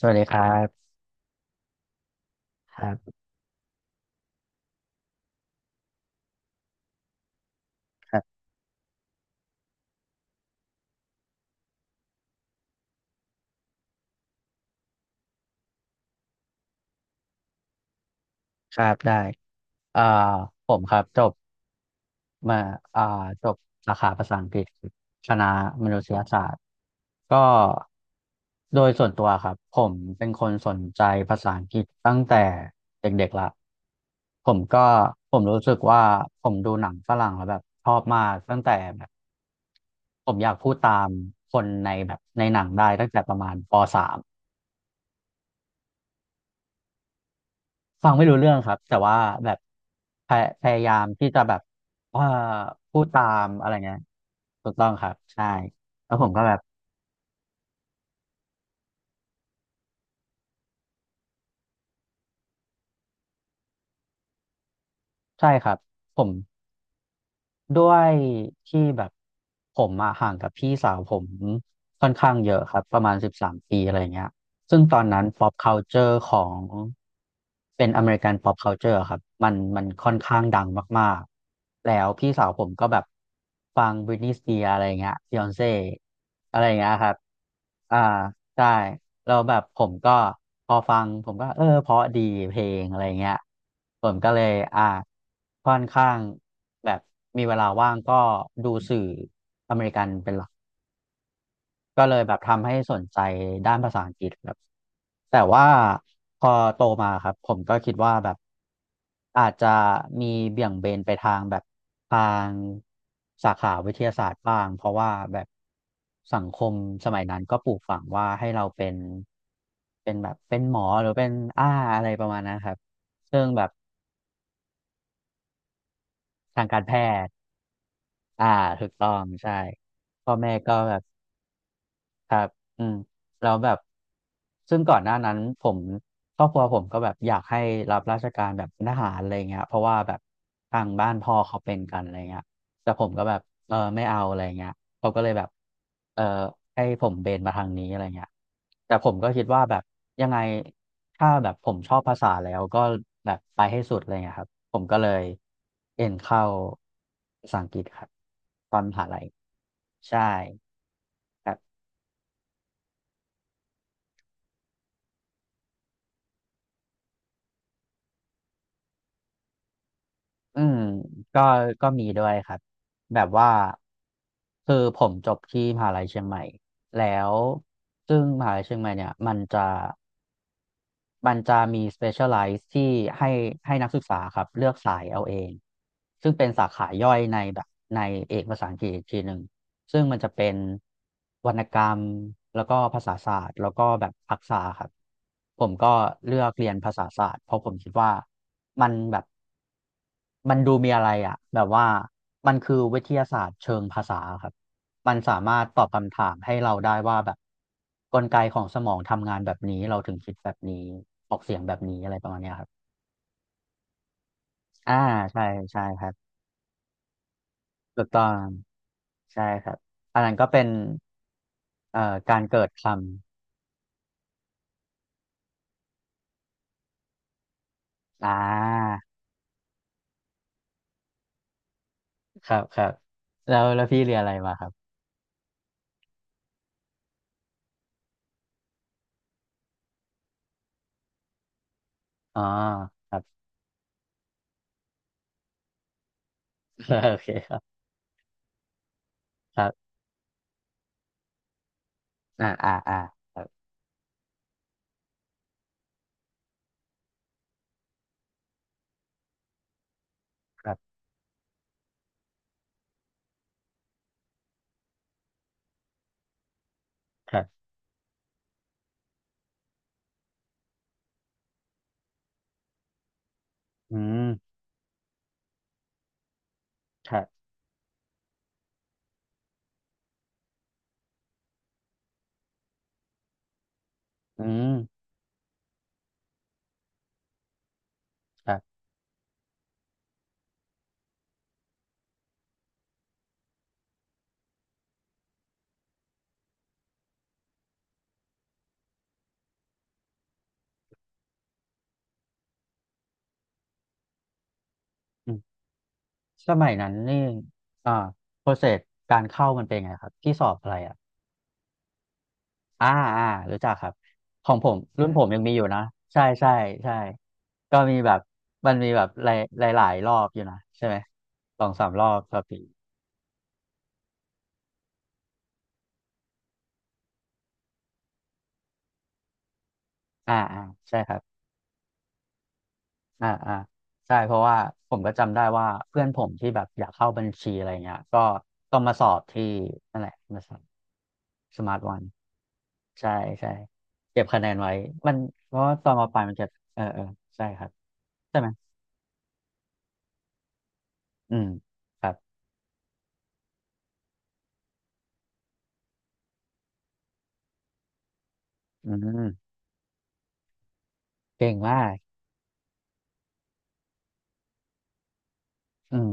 สวัสดีครับ ครับครับครับได้เอ่อผมครับจบมาอ่าจบสาขาภาษาอังกฤษคณะมนุษยศาสตร์ ก็โดยส่วนตัวครับผมเป็นคนสนใจภาษาอังกฤษตั้งแต่เด็กๆละผมก็ผมรู้สึกว่าผมดูหนังฝรั่งแล้วแบบชอบมากตั้งแต่แบบผมอยากพูดตามคนในแบบในหนังได้ตั้งแต่ประมาณป.3 ฟังไม่รู้เรื่องครับแต่ว่าแบบพยายามที่จะแบบว่าพูดตามอะไรเงี้ยถูกต้องครับใช่แล้วผมก็แบบใช่ครับผมด้วยที่แบบผมอะห่างกับพี่สาวผมค่อนข้างเยอะครับประมาณ13 ปีอะไรเงี้ย ซึ่งตอนนั้น pop culture ของเป็นอเมริกัน pop culture อะครับมันค่อนข้างดังมากๆแล้วพี่สาวผมก็แบบฟัง Britney Spears อะไรเงี้ย Beyonce อะไรเงี้ยครับอ่าใช่แล้วแบบผมก็พอฟังผมก็เออเพราะดีเพลงอะไรเงี้ยผมก็เลยอ่าค่อนข้างแบบมีเวลาว่างก็ดูสื่ออเมริกันเป็นหลัก ก็เลยแบบทำให้สนใจด้านภาษาอังกฤษครับแต่ว่าพอโตมาครับผมก็คิดว่าแบบอาจจะมีเบี่ยงเบนไปทางแบบทางสาขาวิทยาศาสตร์บ้างเพราะว่าแบบสังคมสมัยนั้นก็ปลูกฝังว่าให้เราเป็นเป็นแบบเป็นหมอหรือเป็นอ้าอะไรประมาณนั้นครับซึ่งแบบทางการแพทย์อ่าถูกต้องใช่พ่อแม่ก็แบบ ครับอืมแล้วแบบ ซึ่งก่อนหน้านั้นผมครอบครัวผมก็แบบอยากให้รับราชการแบบเป็นทหารอะไรเงี้ยเพราะว่าแบบทางบ้านพ่อเขาเป็นกันอะไรเงี้ยแต่ผมก็แบบเออไม่เอาอะไรเงี้ยเขาก็เลยแบบเออให้ผมเบนมาทางนี้อะไรเงี้ยแต่ผมก็คิดว่าแบบยังไงถ้าแบบผมชอบภาษาแล้วก็แบบไปให้สุดอะไรเงี้ยครับผมก็เลยเอ็นเข้าภาษาอังกฤษครับตอนมหาลัยใช่ อืมก็ก็มีด้วยครับแบบว่าคือผมจบที่มหาลัยเชียงใหม่แล้วซึ่งมหาลัยเชียงใหม่เนี่ยมันจะมี specialize ที่ให้ให้นักศึกษาครับเลือกสายเอาเองซึ่งเป็นสาขาย่อยในแบบในเอกภาษาอังกฤษอีกทีหนึ่ง ซึ่งมันจะเป็นวรรณกรรมแล้วก็ภาษาศาสตร์แล้วก็แบบทักษะครับผมก็เลือกเรียนภาษาศาสตร์เพราะผมคิดว่ามันแบบมันดูมีอะไรอ่ะแบบว่ามันคือวิทยาศาสตร์เชิงภาษาครับมันสามารถตอบคำถามให้เราได้ว่าแบบกลไกของสมองทำงานแบบนี้เราถึงคิดแบบนี้ออกเสียงแบบนี้อะไรประมาณเนี้ยครับอ่าใช่ใช่ครับถูกต้องใช่ครับอันนั้นก็เป็นการเกิดคำ อ่าครับครับแล้วแล้วพี่เรียนอะไรมาครับอ๋อครับ โอเคครับครับอ่าอ่าอ่าครับครับครับอืมครับอืมครับอืมสมัยนั้นนี่อ่าโปรเซสการเข้ามันเป็นไงครับที่สอบอะไรอ่ะอ่าอ่ารู้จักครับของผมรุ่นผมยังมีอยู่นะใช่ใช่ใช่ก็มีแบบมันมีแบบหลายหลายหลายรอบอยู่นะใช่ไหมสองสามรอบต่อปีอ่าอ่าใช่ครับ อ่าอ่าใช่เพราะว่าผมก็จำได้ว่าเพื่อนผมที่แบบอยากเข้าบัญชีอะไรเงี้ยก็ต้องมาสอบที่นั่นแหละมาสอบสมาร์ทวันใช่ใช่เก็บคะแนนไว้มันเพราะว่าตอนมาปลายมันจะเออเออใช่ครับใช่ไหมอืมครับอืมเก่งมากอืม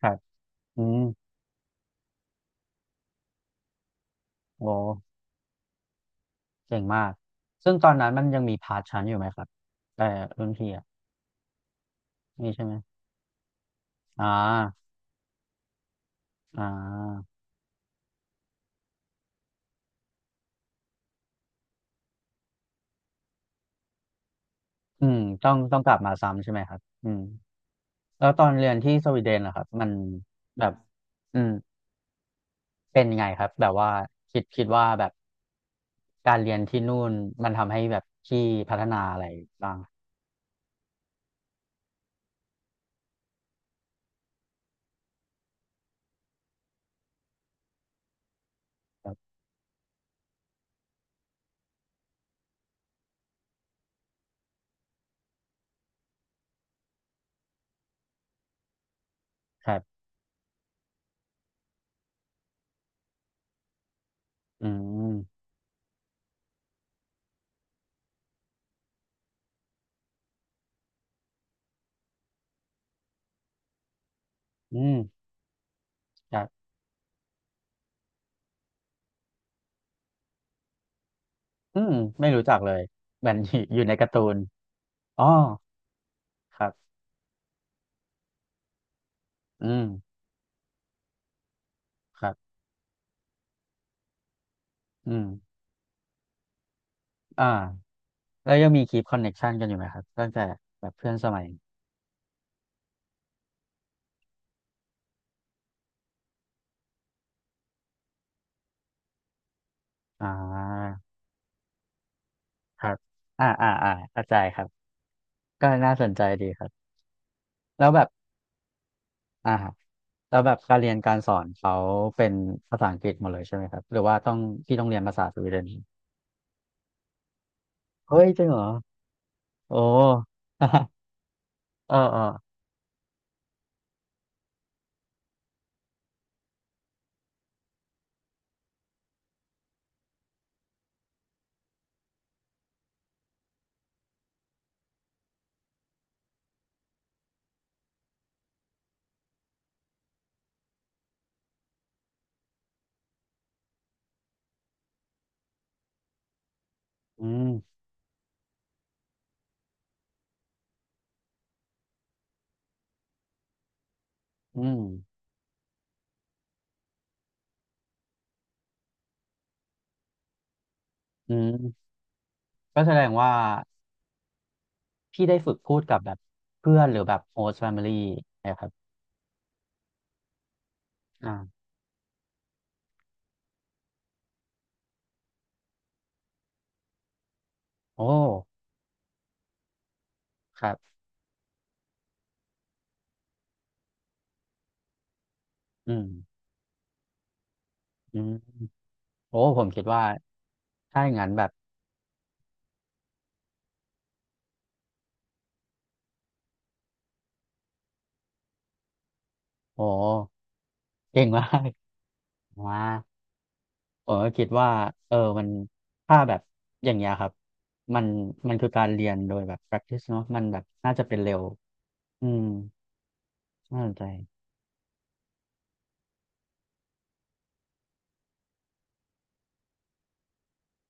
ครับอืมโอ้เก่งมากซึ่งตอนนั้นมันยังมีพาร์ทชั้นอยู่ไหมครับแต่อรุ่นพี่อ่ะนี่ใช่ไหมอ่าอ่าอืมต้องกลับมาซ้ำใช่ไหมครับอืม แล้วตอนเรียนที่สวีเดนนะครับมันแบบอืมเป็นยังไงครับแบบว่าคิดว่าแบบการเรียนที่นู่นมันทำให้แบบพี่พัฒนาอะไรบ้างครับครับอืมอืมครับอืมไม่รู้จักเลยเหมือนอยู่ อยู่ในการ์ตูนอ๋อครับอืมครับอืมอ่าแล้วยังมีคีปคอนเน็กชันกันอยู่ไหมครับตั้งแต่แบบเพื่อนสมัยอ่าครับอ่าอ่าอ่าเข้าใจครับก็น่าสนใจดีครับแล้วแบบอ่า แล้วแบบการเรียนการสอนเขาเป็นภาษาอังกฤษหมดเลยใช่ไหมครับหรือว่าต้องพี่ต้องเรียนภาษาสวีเดนเฮ้ยจริงเหรอโอ้ เออเอออืมอืมอืมก็แสดงว่าพี่ได้ฝึกพูดกับแบบเพื่อนหรือแบบโฮสต์แฟมิลี่นะครับอ่าโอ้ครับอืมอืมโอ้ผมคิดว่าถ้าอย่างนั้นแบบโอ้เก่งมาก ว้า ผมก็คิดว่าเออมันถ้าแบบอย่างเงี้ยครับมันคือการเรียนโดยแบบ practice เนอะมันแบบน่าจะเป็นเร็วอืมน่าสนใจ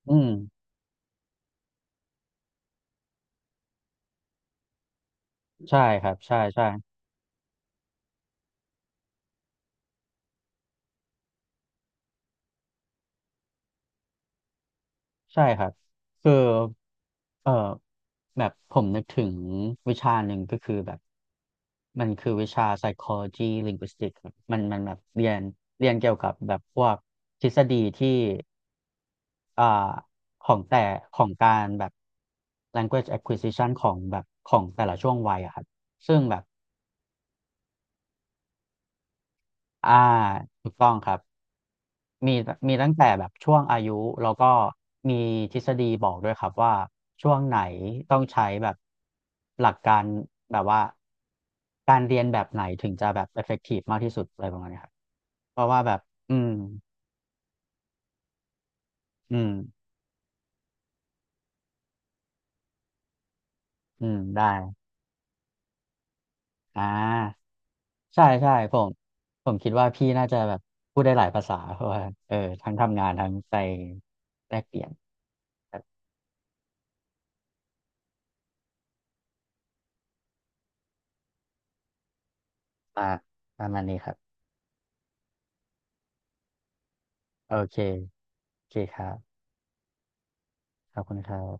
อืมใช่ครับใช่ใช่ใช่ครับคือเออแบบผมนึกถึงวิชาหนึ่งก็คือแบบมันคือวิชา psychology linguistics ครับมันแบบเรียนเกี่ยวกับแบบพวกทฤษฎีที่ อ่าของแต่ของการแบบ language acquisition ของแบบของแต่ละช่วงวัยอะครับซึ่งแบบอ่าถูกต้องครับมีมีตั้งแต่แบบช่วงอายุแล้วก็มีทฤษฎีบอกด้วยครับว่าช่วงไหนต้องใช้แบบหลักการแบบว่าการเรียนแบบไหนถึงจะแบบ effective มากที่สุดอะไรประมาณนี้ครับเพราะว่าแบบอืมอืมอืมได้อ่า ใช่ใช่ผมผมคิดว่าพี่น่าจะแบบพูดได้หลายภาษาเพราะว่าเออทั้งทำงานทั้งไปแลกเปลี่ยนแบบมาประมาณนี้ครับโอเคโอเคครับขอบคุณครับ